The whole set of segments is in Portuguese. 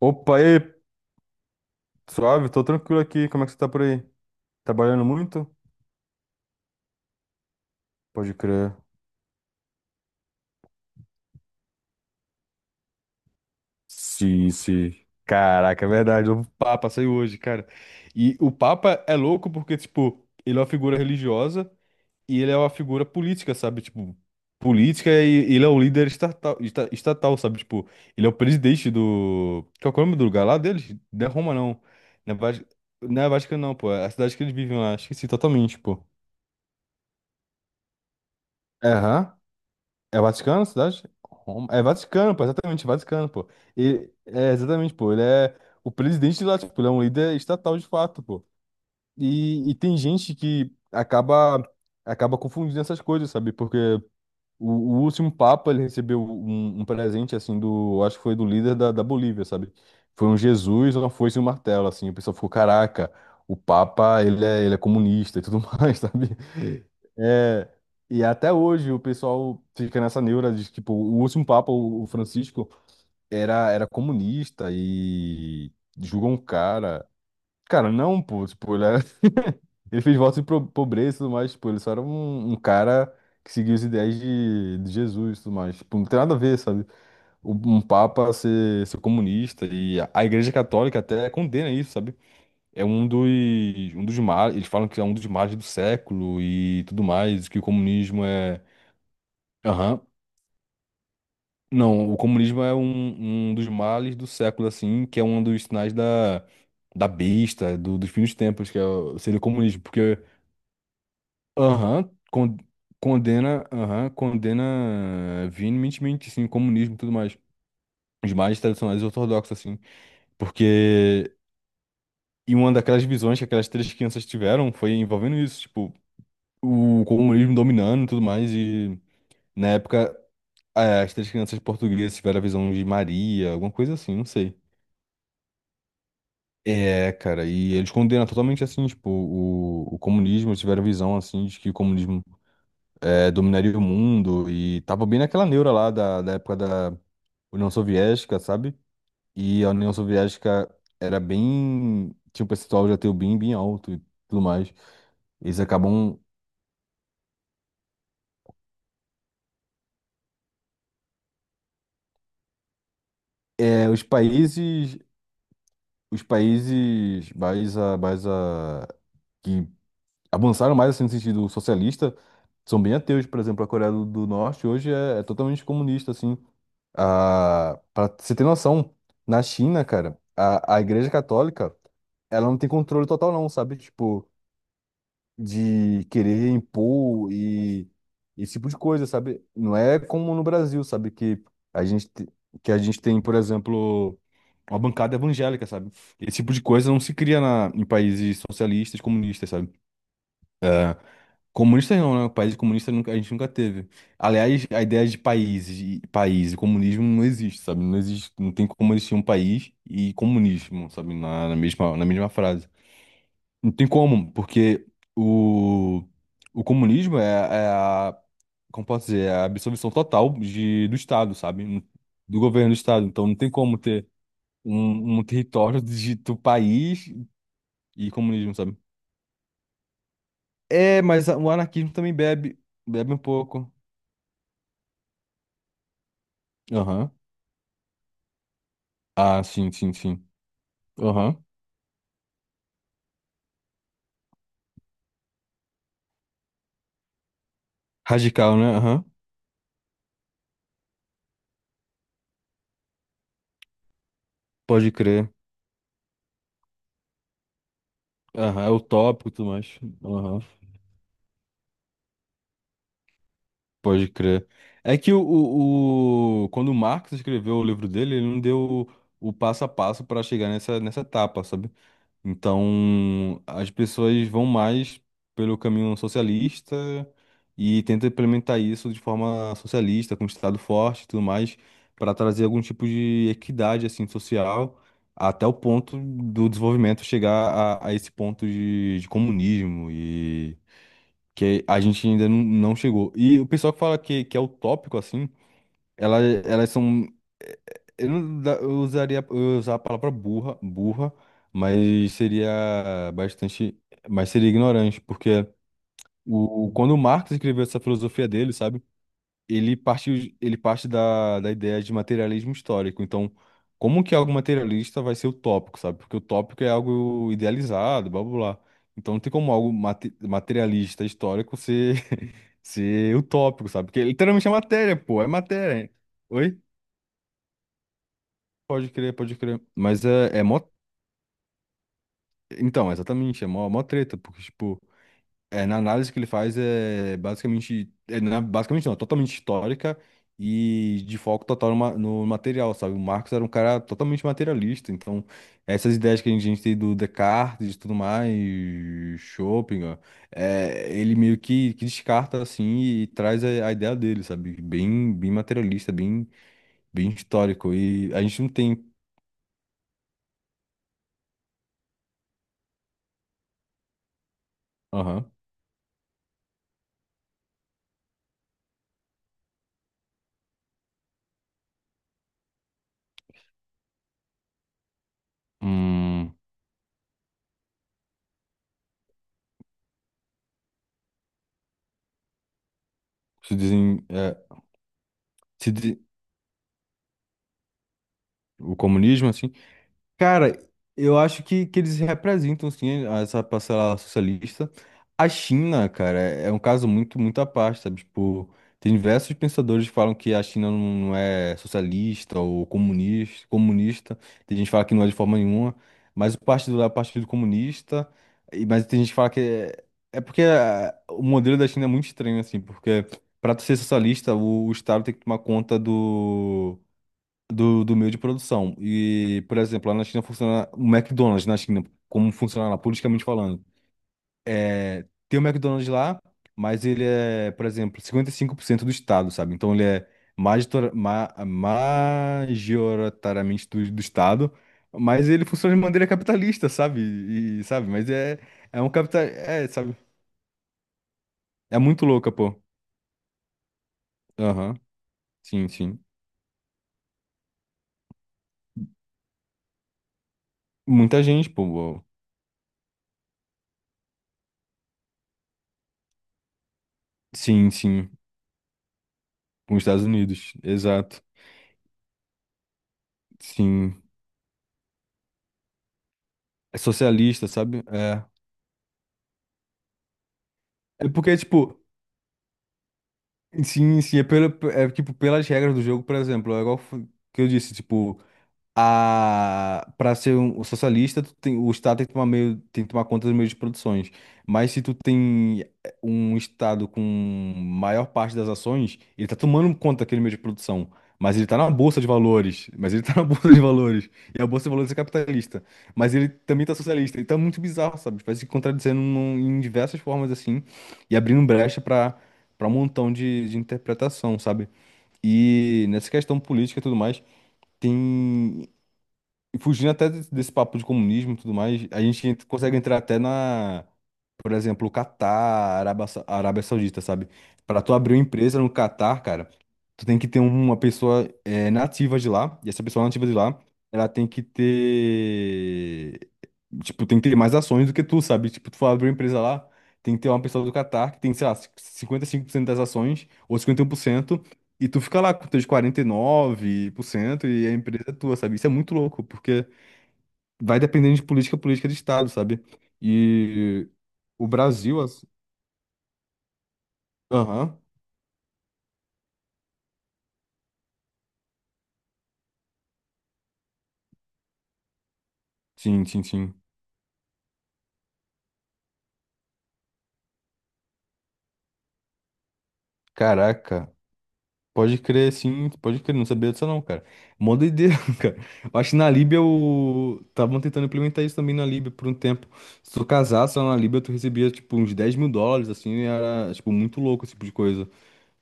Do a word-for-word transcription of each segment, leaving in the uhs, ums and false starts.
Opa, e aí, suave, tô tranquilo aqui. Como é que você tá por aí? Trabalhando muito? Pode crer. Sim, sim. Caraca, é verdade. O Papa saiu hoje, cara. E o Papa é louco porque, tipo, ele é uma figura religiosa e ele é uma figura política, sabe? Tipo, política e ele é o líder estatal, esta- estatal, sabe? Tipo, ele é o presidente do. Qual que é o nome do lugar lá deles? Não é Roma, não. Não é Vati- não é Vaticano, não, pô. É a cidade que eles vivem lá. Esqueci totalmente, pô. Aham. É Vaticano, a cidade? Roma? É Vaticano, pô, exatamente, Vaticano, pô. E, é, exatamente, pô, ele é o presidente de lá, tipo, ele é um líder estatal de fato, pô. E, e tem gente que acaba, acaba confundindo essas coisas, sabe? Porque o, o último Papa, ele recebeu um, um presente, assim, do, acho que foi do líder da, da Bolívia, sabe? Foi um Jesus, uma foice e um martelo, assim. O pessoal ficou, caraca, o Papa, ele é, ele é comunista e tudo mais, sabe? É, e até hoje o pessoal fica nessa neura de, tipo, o último Papa, o o Francisco, era, era comunista e julgou um cara. Cara, não, pô, tipo, ele é ele fez voto de pro- pobreza e tudo mais, tipo, ele só era um, um cara que seguia os ideais de, de Jesus e tudo mais. Tipo, não tem nada a ver, sabe? O- Um papa ser, ser comunista e a, a Igreja Católica até condena isso, sabe? É um dos, um dos males, eles falam que é um dos males do século e tudo mais, que o comunismo é... Aham. Não, o comunismo é um, um dos males do século, assim, que é um dos sinais da, da besta, do, dos fins dos tempos, que é, o- seria o comunismo, porque... Aham, con- condena, aham, condena eh, veementemente, sim, o comunismo e tudo mais. Os mais tradicionais ortodoxos, assim. Porque, e uma daquelas visões que aquelas três crianças tiveram foi envolvendo isso, tipo, o comunismo dominando e tudo mais. E, na época, é, as três crianças portuguesas tiveram a visão de Maria, alguma coisa assim, não sei. É, cara, e eles condenam totalmente, assim, tipo, o, o comunismo, eles tiveram a visão, assim, de que o comunismo é, dominaria o mundo e tava bem naquela neura lá da, da época da União Soviética, sabe? E a União Soviética era bem, tinha um percentual de ateu bem, bem alto e tudo mais. Eles acabam, é, os países, os países mais a, mais a, que avançaram mais assim, no sentido socialista são bem ateus, por exemplo, a Coreia do, do Norte hoje é, é totalmente comunista, assim. Ah, pra você ter noção, na China, cara, a, a Igreja Católica, ela não tem controle total não, sabe? Tipo, de querer impor e esse tipo de coisa, sabe? Não é como no Brasil, sabe? Que a gente, te- que a gente tem, por exemplo, uma bancada evangélica, sabe? Esse tipo de coisa não se cria na, em países socialistas, comunistas, sabe? Comunistas não, né? O país comunista nunca, a gente nunca teve. Aliás, a ideia de países e país e comunismo não existe, sabe? Não existe, não tem como existir um país e comunismo, sabe? Na, na mesma, na mesma frase. Não tem como, porque o, o comunismo é, é a, como posso dizer, é a absorção total de, do Estado, sabe? Do governo do Estado. Então não tem como ter um, um território de, do país e comunismo, sabe? É, mas o anarquismo também bebe, bebe um pouco. Aham. Ah, sim, sim, sim. Aham. Radical, né? Aham. Pode crer. Aham, é utópico e tudo mais. Aham. Pode crer. É que o, o, o- quando o Marx escreveu o livro dele, ele não deu o, o passo a passo para chegar nessa, nessa etapa, sabe? Então, as pessoas vão mais pelo caminho socialista e tentam implementar isso de forma socialista, com Estado forte e tudo mais, para trazer algum tipo de equidade assim social, até o ponto do desenvolvimento chegar a, a esse ponto de, de comunismo e que a gente ainda não não chegou. E o pessoal que fala que, que é utópico assim, ela, elas são. eh, Eu não da- eu usaria. Eu ia usar a palavra burra, burra, mas seria bastante. Mas seria ignorante, porque o, quando o Marx escreveu essa filosofia dele, sabe? Ele parte, ele parte da, da ideia de materialismo histórico. Então, como que algo materialista vai ser utópico, sabe? Porque o tópico é algo idealizado, blá blá blá. Então, não tem como algo mate- materialista histórico ser, ser utópico, sabe? Porque é literalmente é matéria, pô, é matéria. Oi? Pode crer, pode crer. Mas é, é mó. Então, exatamente, é mó, mó treta, porque, tipo, é, na análise que ele faz é basicamente. É, na- basicamente não, é totalmente histórica e de foco total no, ma- no material, sabe? O Marx era um cara totalmente materialista, então essas ideias que a gente, a gente tem do Descartes e tudo mais, Schopenhauer, é, ele meio que, que descarta, assim, e traz a, a ideia dele, sabe? Bem, bem materialista, bem, bem histórico. E a gente não tem. Aham. Hum, se dizem, é, se di- o comunismo, assim. Cara, eu acho que, que eles representam, sim, essa parcela socialista. A China, cara, é um caso muito, muito à parte, sabe? Tipo, tem diversos pensadores que falam que a China não não é socialista ou comunista, comunista. Tem gente que fala que não é de forma nenhuma, mas o partido lá é o Partido Comunista. E- Mas tem gente que fala que é, é porque ah, o modelo da China é muito estranho, assim, porque para ser socialista, o, o Estado tem que tomar conta do do, do meio de produção. E, por exemplo, lá na China funciona o McDonald's na China, como funciona lá, politicamente falando. É, tem o McDonald's lá, mas ele é, por exemplo, cinquenta e cinco por cento do estado, sabe? Então ele é major, ma, majoritariamente do, do estado, mas ele funciona de maneira capitalista, sabe? E, sabe? Mas é, é um capital, é, sabe? É muito louca, pô. Aham, sim, sim. Muita gente, pô. Sim, sim. Com os Estados Unidos, exato. Sim. É socialista, sabe? É. É porque, tipo, sim, sim, é, pela, é tipo, pelas regras do jogo, por exemplo, é igual f- que eu disse, tipo, a para ser um socialista, tu tem, o Estado tem que tomar meio, tem que tomar conta dos meios de produções. Mas se tu tem eh, um Estado com maior parte das ações, ele tá tomando conta daquele meio de produção. Mas ele tá na bolsa de valores. Mas ele tá na bolsa de valores. E a bolsa de valores é capitalista. Mas ele também tá socialista. Então é muito bizarro, sabe? Vai se contradizendo num- em diversas formas assim. E abrindo brecha para para um montão de, de interpretação, sabe? E nessa questão política e tudo mais. Tem. E fugindo até desse desse papo de comunismo e tudo mais, a gente ent- consegue entrar até na, por exemplo, o Catar, Arábia, Sa- Arábia Saudita, sabe? Para tu abrir uma empresa no Catar, cara, tu tem que ter uma pessoa eh, nativa de lá, e essa pessoa nativa de lá, ela tem que ter, tipo, tem que ter mais ações do que tu, sabe? Tipo, tu for abrir uma empresa lá, tem que ter uma pessoa do Catar que tem, sei lá, cinquenta e cinco por cento das ações, ou cinquenta e um por cento e tu fica lá com teus quarenta e nove por cento e nove por cento e a empresa é tua, sabe? Isso é muito louco, porque vai dependendo de política, política de Estado, sabe? E o Brasil, assim. Aham. Sim, sim, sim. Caraca. Pode crer, sim, pode crer. Não sabia disso, não, cara. Mó doideira, cara. Eu acho que na Líbia o... estavam tentando implementar isso também na Líbia por um tempo. Se tu casasse lá na Líbia, tu recebia, tipo, uns dez mil dólares, assim, e era, tipo, muito louco esse tipo de coisa.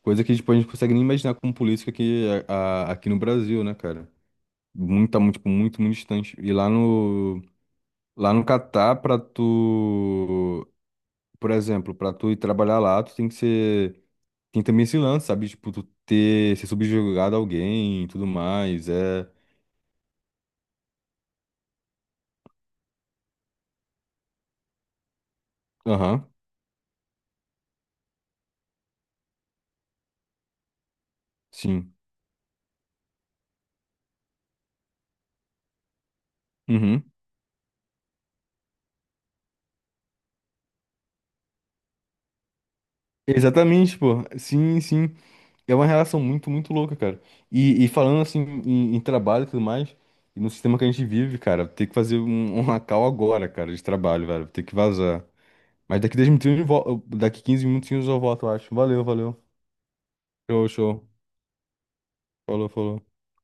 Coisa que, tipo, a gente consegue nem imaginar como política aqui, a- a- aqui no Brasil, né, cara? Muito, tá muito, tipo, muito, muito distante. E lá no, lá no Catar, pra tu, por exemplo, pra tu ir trabalhar lá, tu tem que ser, tem também esse lance, sabe? Tipo, tu ter, ser subjugado a alguém e tudo mais, é... Aham, sim. Uhum. Exatamente, pô. Sim, sim. É uma relação muito, muito louca, cara. E, e falando assim em, em trabalho e tudo mais, e no sistema que a gente vive, cara, tem que fazer um, um call agora, cara, de trabalho, velho. Tem que vazar. Mas daqui dez minutinhos, eu vol- daqui quinze minutinhos eu volto, eu acho. Valeu, valeu. Show, show. Falou, falou.